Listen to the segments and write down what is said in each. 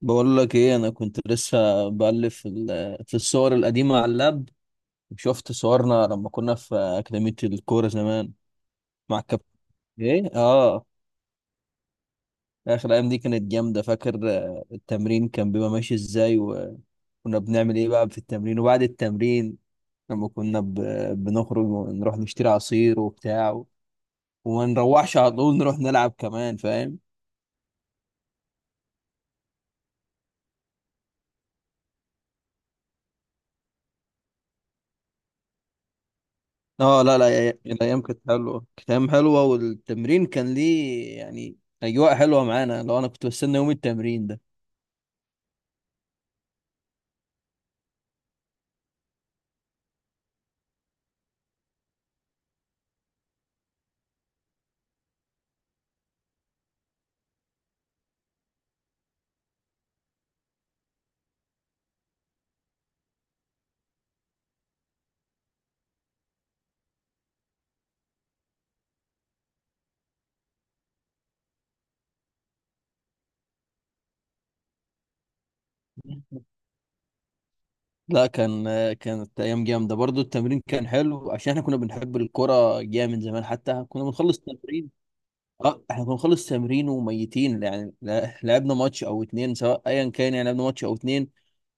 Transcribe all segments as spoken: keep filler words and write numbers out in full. بقول لك ايه؟ انا كنت لسه بقلب في ال- في الصور القديمه على اللاب، وشفت صورنا لما كنا في اكاديميه الكوره زمان مع الكابتن. ايه اه، اخر ايام دي كانت جامده. فاكر آه، التمرين كان بيبقى ماشي ازاي، وكنا بنعمل ايه بقى في التمرين وبعد التمرين؟ لما كنا ب... بنخرج ونروح نشتري عصير وبتاع و... وما نروحش على طول، نروح نلعب كمان فاهم؟ اه لا لا، أي- الايام كانت حلوه، كانت ايام حلوه، والتمرين كان ليه يعني اجواء حلوه معانا. لو انا كنت بستنى يوم التمرين ده. لا، كان كانت ايام جامده برضو. التمرين كان حلو عشان احنا كنا بنحب الكرة جامد من زمان، حتى كنا بنخلص تمرين. اه، احنا كنا بنخلص تمرين وميتين يعني، لا- لعبنا ماتش او اتنين، سواء ايا كان يعني لعبنا ماتش او اتنين،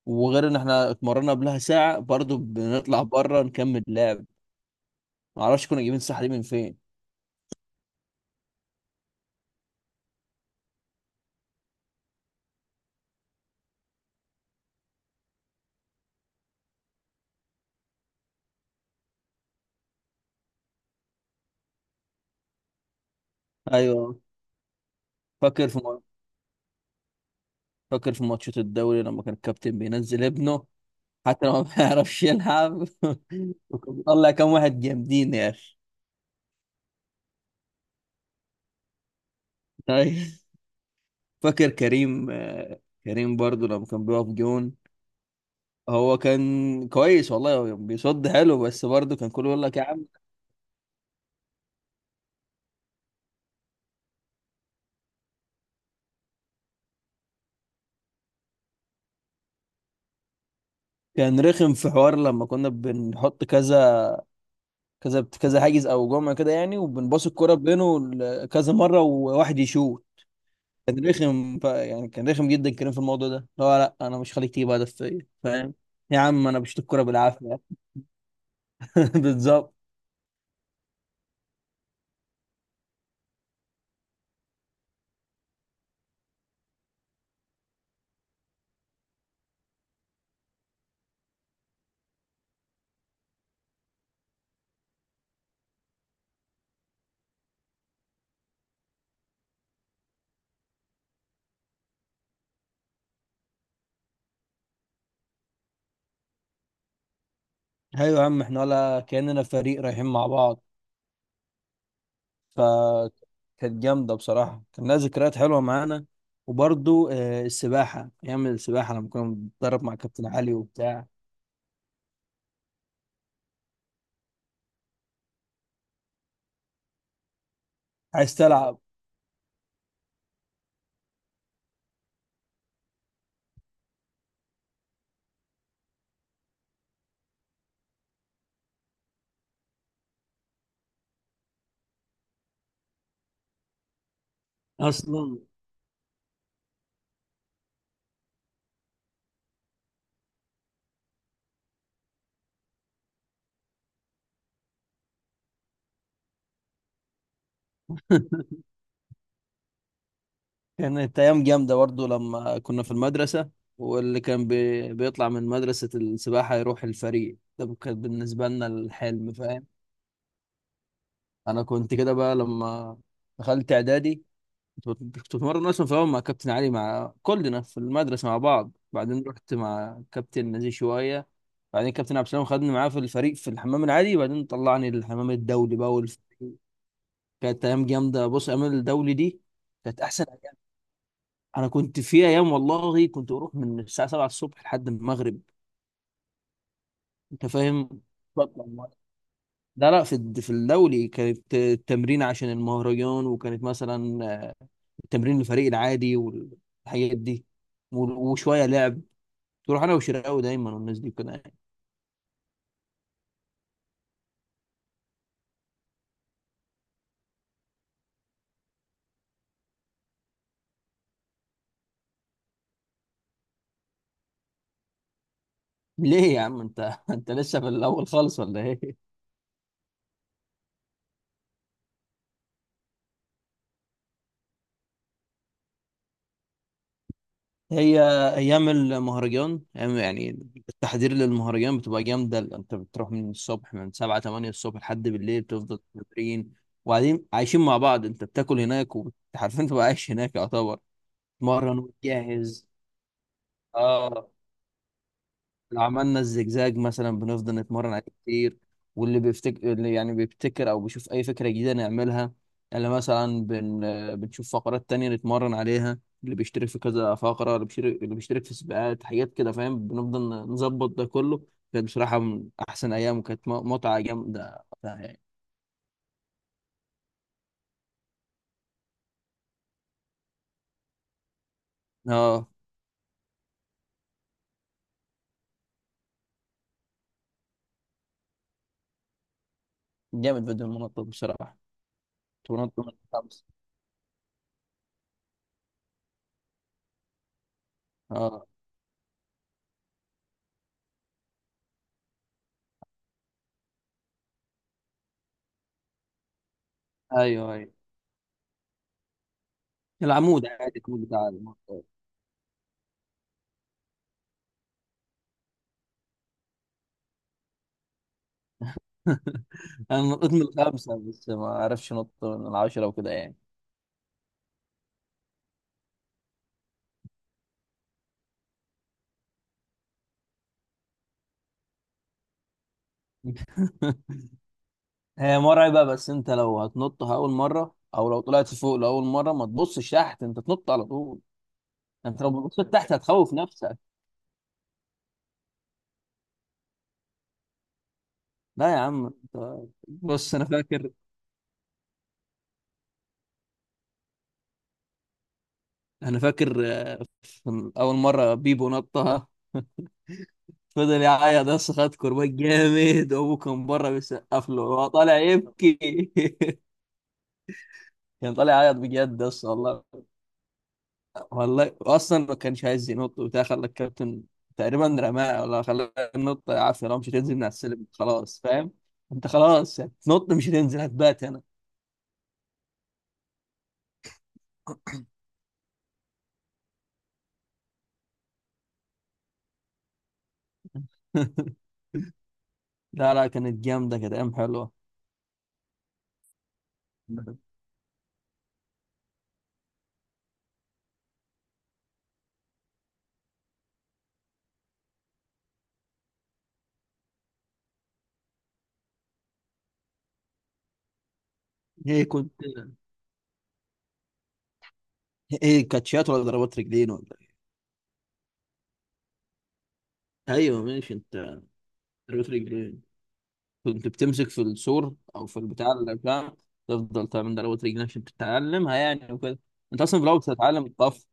وغير ان احنا اتمرنا قبلها ساعه، برضو بنطلع بره نكمل لعب. معرفش كنا جايبين الصحه دي من فين. ايوه، فاكر في فاكر في ماتشات الدوري لما كان الكابتن بينزل ابنه، حتى لو ما بيعرفش يلعب وكان بيطلع كام واحد جامدين يا اخي. طيب. فاكر كريم؟ آه، كريم برضو لما كان بيقف جون. هو كان كويس والله، هو بيصد حلو، بس برضه كان كله يقول لك يا عم. كان رخم في حوار لما كنا بنحط كذا كذا كذا حاجز او جمله كده يعني، وبنباص الكرة بينه ل- كذا مرة، وواحد يشوط. كان رخم ف- يعني كان رخم جدا كريم في الموضوع ده، اللي هو لا، انا مش خليك تيجي بعد فيا فاهم؟ يا عم انا بشوط الكوره بالعافيه. بالظبط. ايوه يا عم، احنا ولا كاننا فريق رايحين مع بعض. ف كانت جامده بصراحه، كان لها ذكريات حلوه معانا. وبرضو آه، السباحه، ايام السباحه لما كنا بنتدرب مع كابتن علي وبتاع. عايز تلعب اصلا. كانت أيام جامدة برضه لما كنا في المدرسة، واللي كان بي... بيطلع من مدرسة السباحة يروح الفريق، ده كان بالنسبة لنا الحلم فاهم؟ أنا كنت كده بقى لما دخلت إعدادي، كنت بت- كنت بتمرن أصلا في الأول مع كابتن علي مع كلنا في المدرسة مع بعض، بعدين رحت مع كابتن نزيه شوية، بعدين كابتن عبد السلام خدني معاه في الفريق في الحمام العادي، بعدين طلعني للحمام الدولي بقى والفريق. كانت أيام جامدة، بص أيام الدولي دي كانت أحسن. انا كنت في ايام والله كنت اروح من الساعه سبعة الصبح لحد المغرب. انت فاهم؟ بطلع مرة. لا لا، في الد- في الدولي كانت التمرين عشان المهرجان، وكانت مثلا التمرين الفريق العادي والحاجات دي وال- وشويه لعب، تروح انا وشراوي دايما، والناس دي كده يعني. ليه يا عم انت؟ انت لسه في الاول خالص ولا ايه؟ هي ايام المهرجان، أيام- يعني التحضير للمهرجان بتبقى جامده، انت بتروح من الصبح من سبعة تمانية الصبح لحد بالليل بتفضل تمرين، وبعدين عايشين مع بعض، انت بتاكل هناك وحرفيا تبقى عايش هناك يعتبر، تتمرن وتجهز. اه. لو عملنا الزجزاج مثلا بنفضل نتمرن عليه كتير، واللي بيفتكر اللي يعني بيبتكر او بيشوف اي فكره جديده نعملها، اللي مثلا بن... بنشوف فقرات تانية نتمرن عليها، اللي بيشترك في كذا فقره، اللي بيشترك اللي بيشترك في سباقات حاجات كده فاهم. بنفضل نظبط ده كله. كانت بصراحه من احسن ايام، وكانت م- متعه جامده وقتها يعني. اه. جامد بدون منطق بصراحه. منطق من الخمس، اه. ايوه ايوه. العمود، عادي، العمود بتاع المنطقة. انا نطيت من الخمسه، بس ما اعرفش نط من العشره وكده يعني. هي مرعبه، بس انت لو هتنطها اول مره او لو طلعت فوق لاول مره ما تبصش تحت، انت تنط على طول. انت لو بصيت تحت هتخوف نفسك. لا يا عم انت، بص انا فاكر انا فاكر آه، اول مره بيبو نطها، فضل يعيط، بس خد كرباج جامد، وابوه كان بره بيسقف له، هو طالع يبكي. كان طالع يعيط بجد بس والله. والله اصلا ما كانش عايز ينط وبتاع، خلى الكابتن تقريبا رماه، ولا خلاه ينط عافيه، لو مش هتنزل من على السلم خلاص فاهم؟ انت خلاص هتنط، مش هتنزل، هتبات هنا. لا لا، كانت جامده، كانت ايام حلوه. ايه كنت ايه، كاتشات ولا ضربات رجلين ولا ايه؟ ايوه ماشي انت. ضربات رجلين، كنت بتمسك في السور او في البتاع اللي بتاع، تفضل تعمل ضربات رجلين عشان تتعلمها يعني وكده. انت اصلا في الاول بتتعلم طف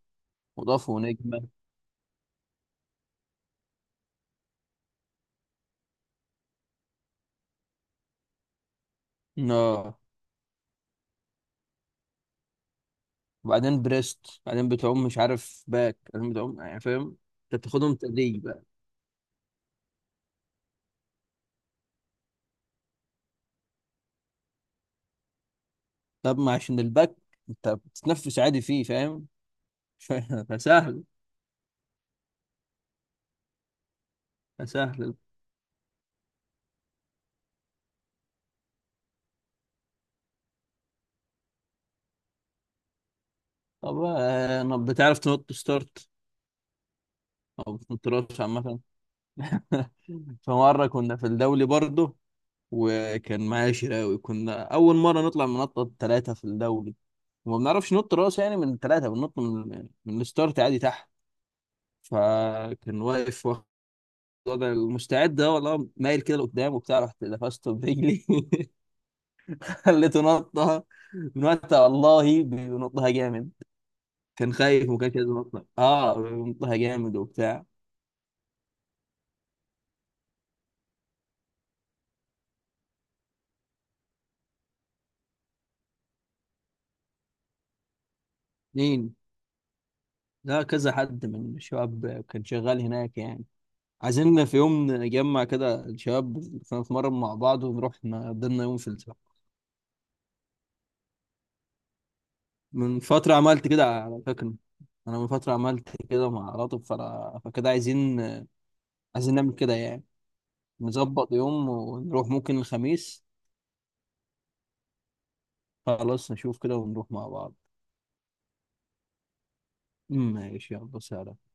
وضف ونجمه، لا وبعدين بريست، بعدين بتعوم مش عارف باك، بعدين بتعوم يعني فاهم؟ انت بتاخدهم تدريج بقى. طب ما عشان الباك انت بتتنفس عادي فيه فاهم؟ ف- فسهل فسهل. طب آه، ما بتعرف تنط ستارت او بتنطرش عامة؟ فمرة كنا في الدولي برضه، وكان معايا شراوي، كنا أول مرة نطلع من نطة ثلاثة في الدولي، وما بنعرفش نط راس، يعني من ثلاثة بننط من من الستارت عادي تحت، فكان واقف انا المستعد ده، والله مايل كده لقدام وبتاع، رحت لفسته برجلي خليته نطها. من وقتها والله بينطها جامد، كان خايف وكان كده نطها، اه بينطها جامد وبتاع. مين؟ لا كذا حد من الشباب كان شغال هناك يعني. عايزين في يوم نجمع كده الشباب، نتمرن مع بعض ونروح نقضينا يوم في السباحة. من فترة عملت كده على فكرة، أنا من فترة عملت كده مع لطف فأنا- فكده عايزين عايزين نعمل كده يعني، نظبط يوم ونروح، ممكن الخميس. خلاص نشوف كده ونروح مع بعض. ماشي، يلا سلام.